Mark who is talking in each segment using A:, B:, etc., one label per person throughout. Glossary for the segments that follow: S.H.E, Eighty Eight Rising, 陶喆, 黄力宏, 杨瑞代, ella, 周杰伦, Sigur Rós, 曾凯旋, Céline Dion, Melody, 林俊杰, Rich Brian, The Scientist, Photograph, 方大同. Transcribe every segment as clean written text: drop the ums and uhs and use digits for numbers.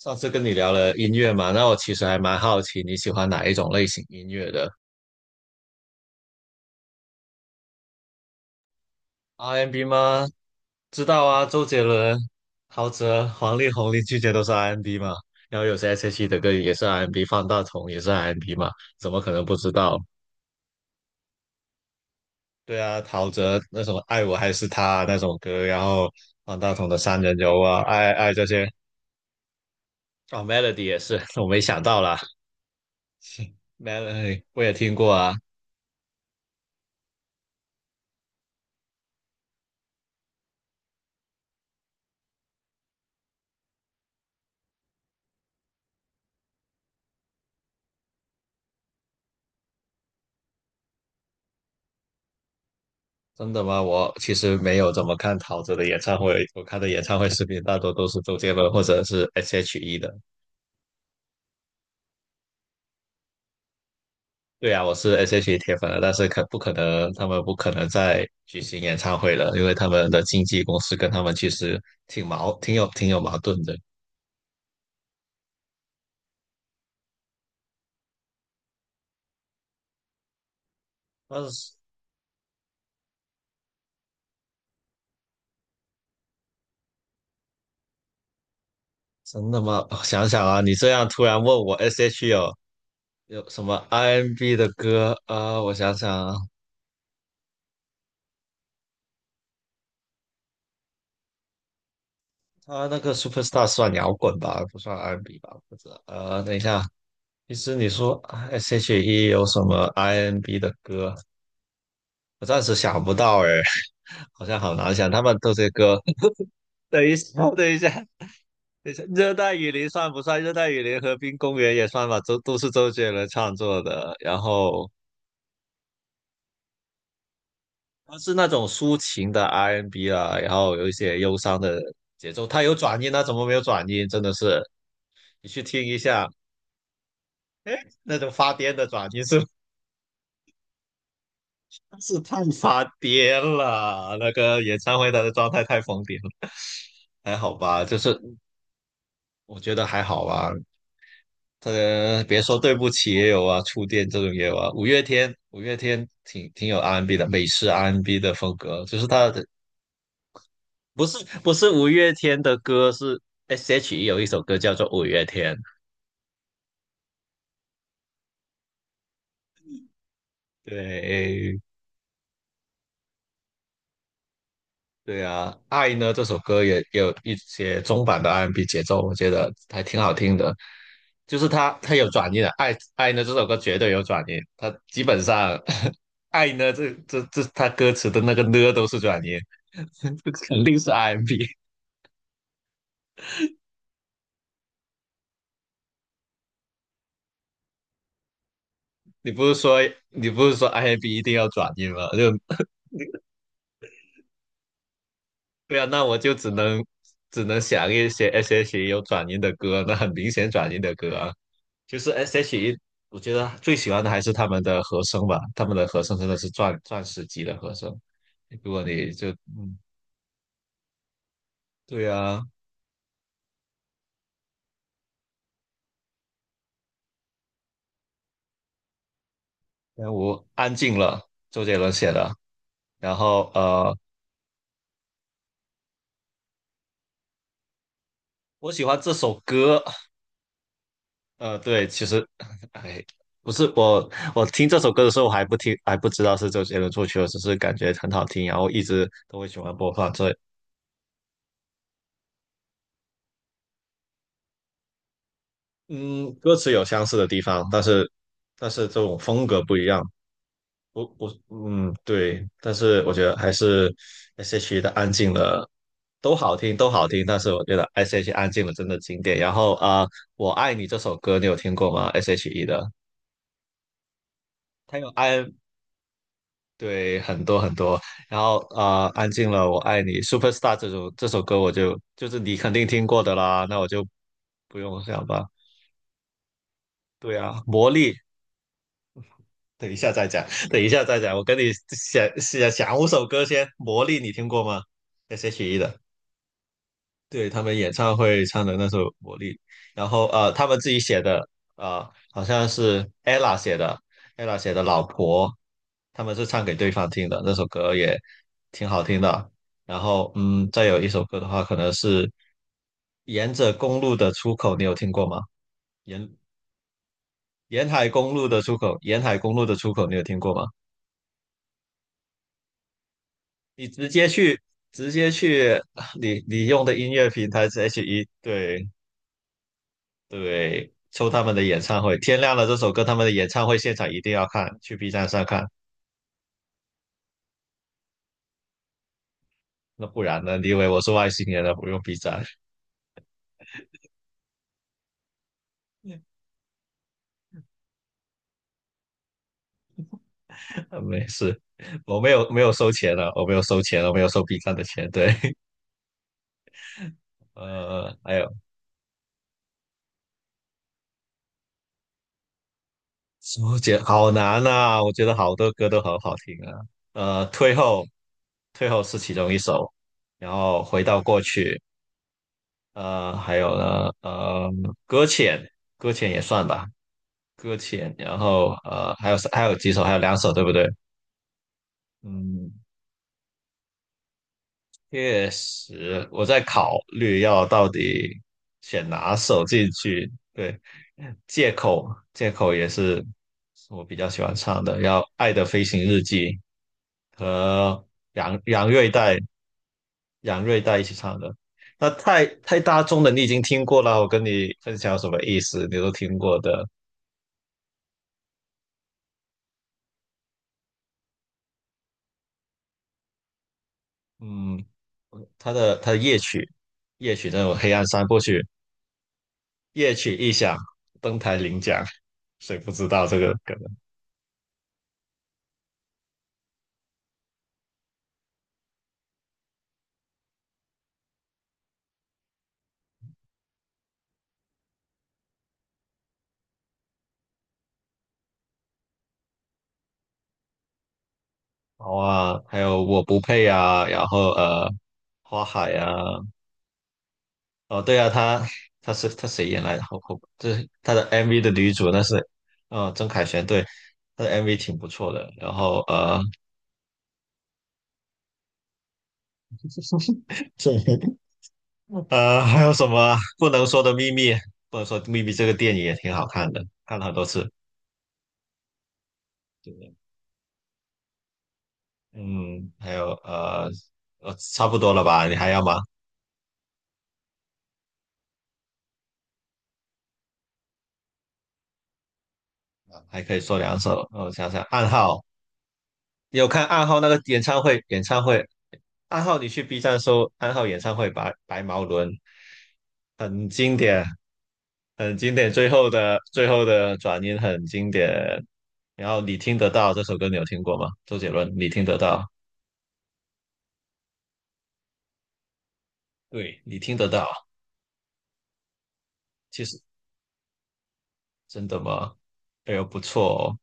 A: 上次跟你聊了音乐嘛，那我其实还蛮好奇你喜欢哪一种类型音乐的？R&B N 吗？知道啊，周杰伦、陶喆、黄力宏、林俊杰都是 R&B N 嘛，然后有些 S.H.E 的歌也是 R&B，N 方大同也是 R&B N 嘛，怎么可能不知道？对啊，陶喆那首《爱我还是他》啊那首歌，然后方大同的《三人游》啊，爱爱爱这些。哦，Melody 也是，我没想到啦。 ，Melody 我也听过啊。真的吗？我其实没有怎么看陶喆的演唱会，我看的演唱会视频大多都是周杰伦或者是 S.H.E 的。对啊，我是 S.H.E 铁粉了，但是可不可能他们不可能再举行演唱会了，因为他们的经纪公司跟他们其实挺有矛盾的。但是真的吗？哦想想啊，你这样突然问我 S.H.E 有什么 R&B n 的歌啊、我想想啊。他那个 Superstar 算摇滚吧，不算 R&B n 吧？或者道。等一下。其实你说 S.H.E 有什么 I.N.B 的歌，我暂时想不到哎。好像好难想。他们都这歌。等一下，等一下，等一下，热带雨林算不算？热带雨林、和滨公园也算吧，都是周杰伦创作的。然后它是那种抒情的 R&B n 啊，然后有一些忧伤的节奏，它有转音啊，它怎么没有转音？真的是，你去听一下。哎，那种发癫的转音是太发癫了。那个演唱会他的状态太疯癫了。还好吧？就是我觉得还好吧。别说对不起也有啊，触电这种也有啊。五月天，五月天挺有 R&B n 的，美式 R&B n 的风格，就是他的不是五月天的歌，是 S.H.E 有一首歌叫做《五月天》。对，对啊，《爱》呢这首歌也有一些中版的 R&B 节奏，我觉得还挺好听的。就是它有转音的，《爱爱》呢这首歌绝对有转音，它基本上 《爱》呢这它歌词的那个呢都是转音。这肯定是 R&B。你不是说你不是说 R&B 一定要转音吗？就对啊，那我就只能想一些 S.H.E 有转音的歌，那很明显转音的歌啊，就是 S.H.E。我觉得最喜欢的还是他们的和声吧，他们的和声真的是钻石级的和声。如果你就嗯，对啊，但我安静了，周杰伦写的，然后我喜欢这首歌。对，其实哎，不是我，我听这首歌的时候我还不听，还不知道是周杰伦作曲的，只是感觉很好听，然后一直都会喜欢播放这。嗯，歌词有相似的地方，但是这种风格不一样。不不，嗯，对，但是我觉得还是 S.H.E 的《安静了》都好听，都好听。但是我觉得 S.H.E《安静了》真的经典。然后啊，我爱你》这首歌你有听过吗？S.H.E 的。它有安，对，很多很多。然后啊，安静了，《我爱你》Superstar 这首歌我就是你肯定听过的啦，那我就不用想吧。对啊，魔力等一下再讲，等一下再讲。我跟你想想五首歌先。魔力你听过吗？S.H.E 的，对他们演唱会唱的那首《魔力》。然后他们自己写的，好像是 ella 写的《老婆》，他们是唱给对方听的，那首歌也挺好听的。然后嗯，再有一首歌的话，可能是沿着公路的出口，你有听过吗？沿沿海公路的出口，沿海公路的出口，你有听过吗？你直接去，直接去你用的音乐平台是 h E 对对，抽他们的演唱会，天亮了这首歌他们的演唱会现场一定要看，去 B 站上看。那不然呢？你以为我是外星人了？不用 B 站。没事，我没有收钱了，我没有收 B 站的钱，对。还有周杰好难呐，我觉得好多歌都很好听啊。退后，退后是其中一首，然后回到过去。还有呢，搁浅，搁浅也算吧，搁浅。然后还有几首，还有两首，对不对？嗯，确实，我在考虑要到底选哪首进去。对，借口，借口也是我比较喜欢唱的，要《爱的飞行日记》和杨杨瑞代杨瑞代一起唱的。那太大众的，你已经听过了，我跟你分享有什么意思，你都听过的。嗯，他的夜曲，夜曲那种黑暗三部曲，夜曲一响，登台领奖，谁不知道这个梗？好啊，还有我不配啊，然后花海啊。哦对啊，他是他谁演来的？好好，就是他的 MV 的女主，那是曾凯旋，对，他的 MV 挺不错的。然后对，还有什么啊不能说的秘密？不能说的秘密这个电影也挺好看的，看了很多次。嗯，还有差不多了吧？你还要吗？啊还可以说两首。我想想，暗号，你有看暗号那个演唱会？演唱会，暗号，你去 B 站搜暗号演唱会毛伦，很经典，很经典。最后的转音很经典。然后你听得到这首歌，你有听过吗？周杰伦，你听得到？对，你听得到。其实真的吗？哎呦，不错哦。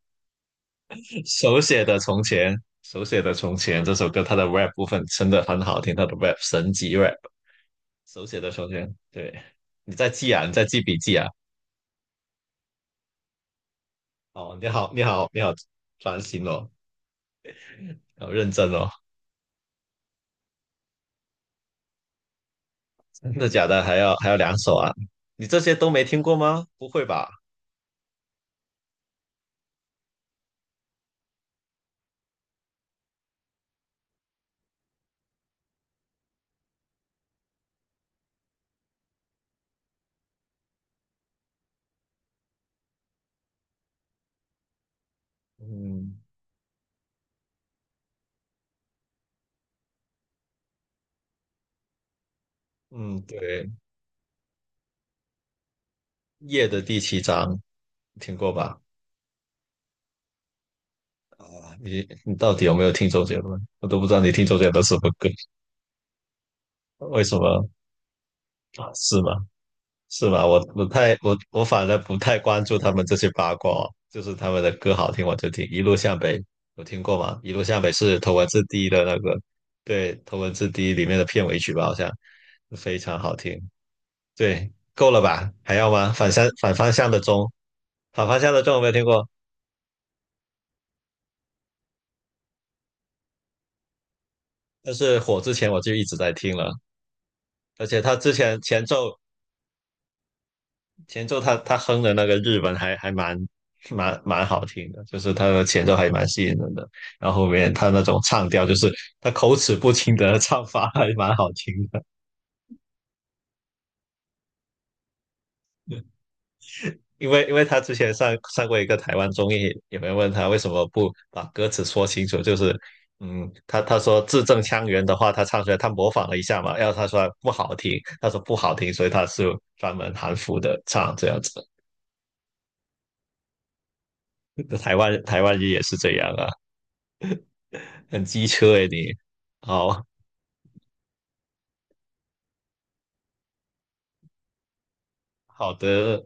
A: 手写的从前，手写的从前这首歌，它的 rap 部分真的很好听，它的 rap 神级 rap。手写的从前，对，你在记啊，你在记笔记啊。哦，你好，你好，你好，专心哦，要认真哦。真的假的？还要两首啊？你这些都没听过吗？不会吧？嗯嗯，对，夜的第七章听过吧？啊，你到底有没有听周杰伦？我都不知道你听周杰伦什么歌。为什么啊？是吗？是吧？我不太，我反而不太关注他们这些八卦哦，就是他们的歌好听我就听。一路向北有听过吗？一路向北是头文字 D 的那个。对，头文字 D 里面的片尾曲吧，好像非常好听。对，够了吧？还要吗？反方向的钟，反方向的钟我没有听过？但是火之前我就一直在听了，而且他之前前奏他哼的那个日文还蛮好听的，就是他的前奏还蛮吸引人的，然后后面他那种唱调，就是他口齿不清的唱法还蛮好听的。因为他之前上过一个台湾综艺，有人问他为什么不把歌词说清楚，就是嗯，他说字正腔圆的话，他唱出来他模仿了一下嘛，然后他说不好听，他说不好听，所以他是专门含糊的唱这样子。台湾人也是这样啊。很机车诶你。好好的。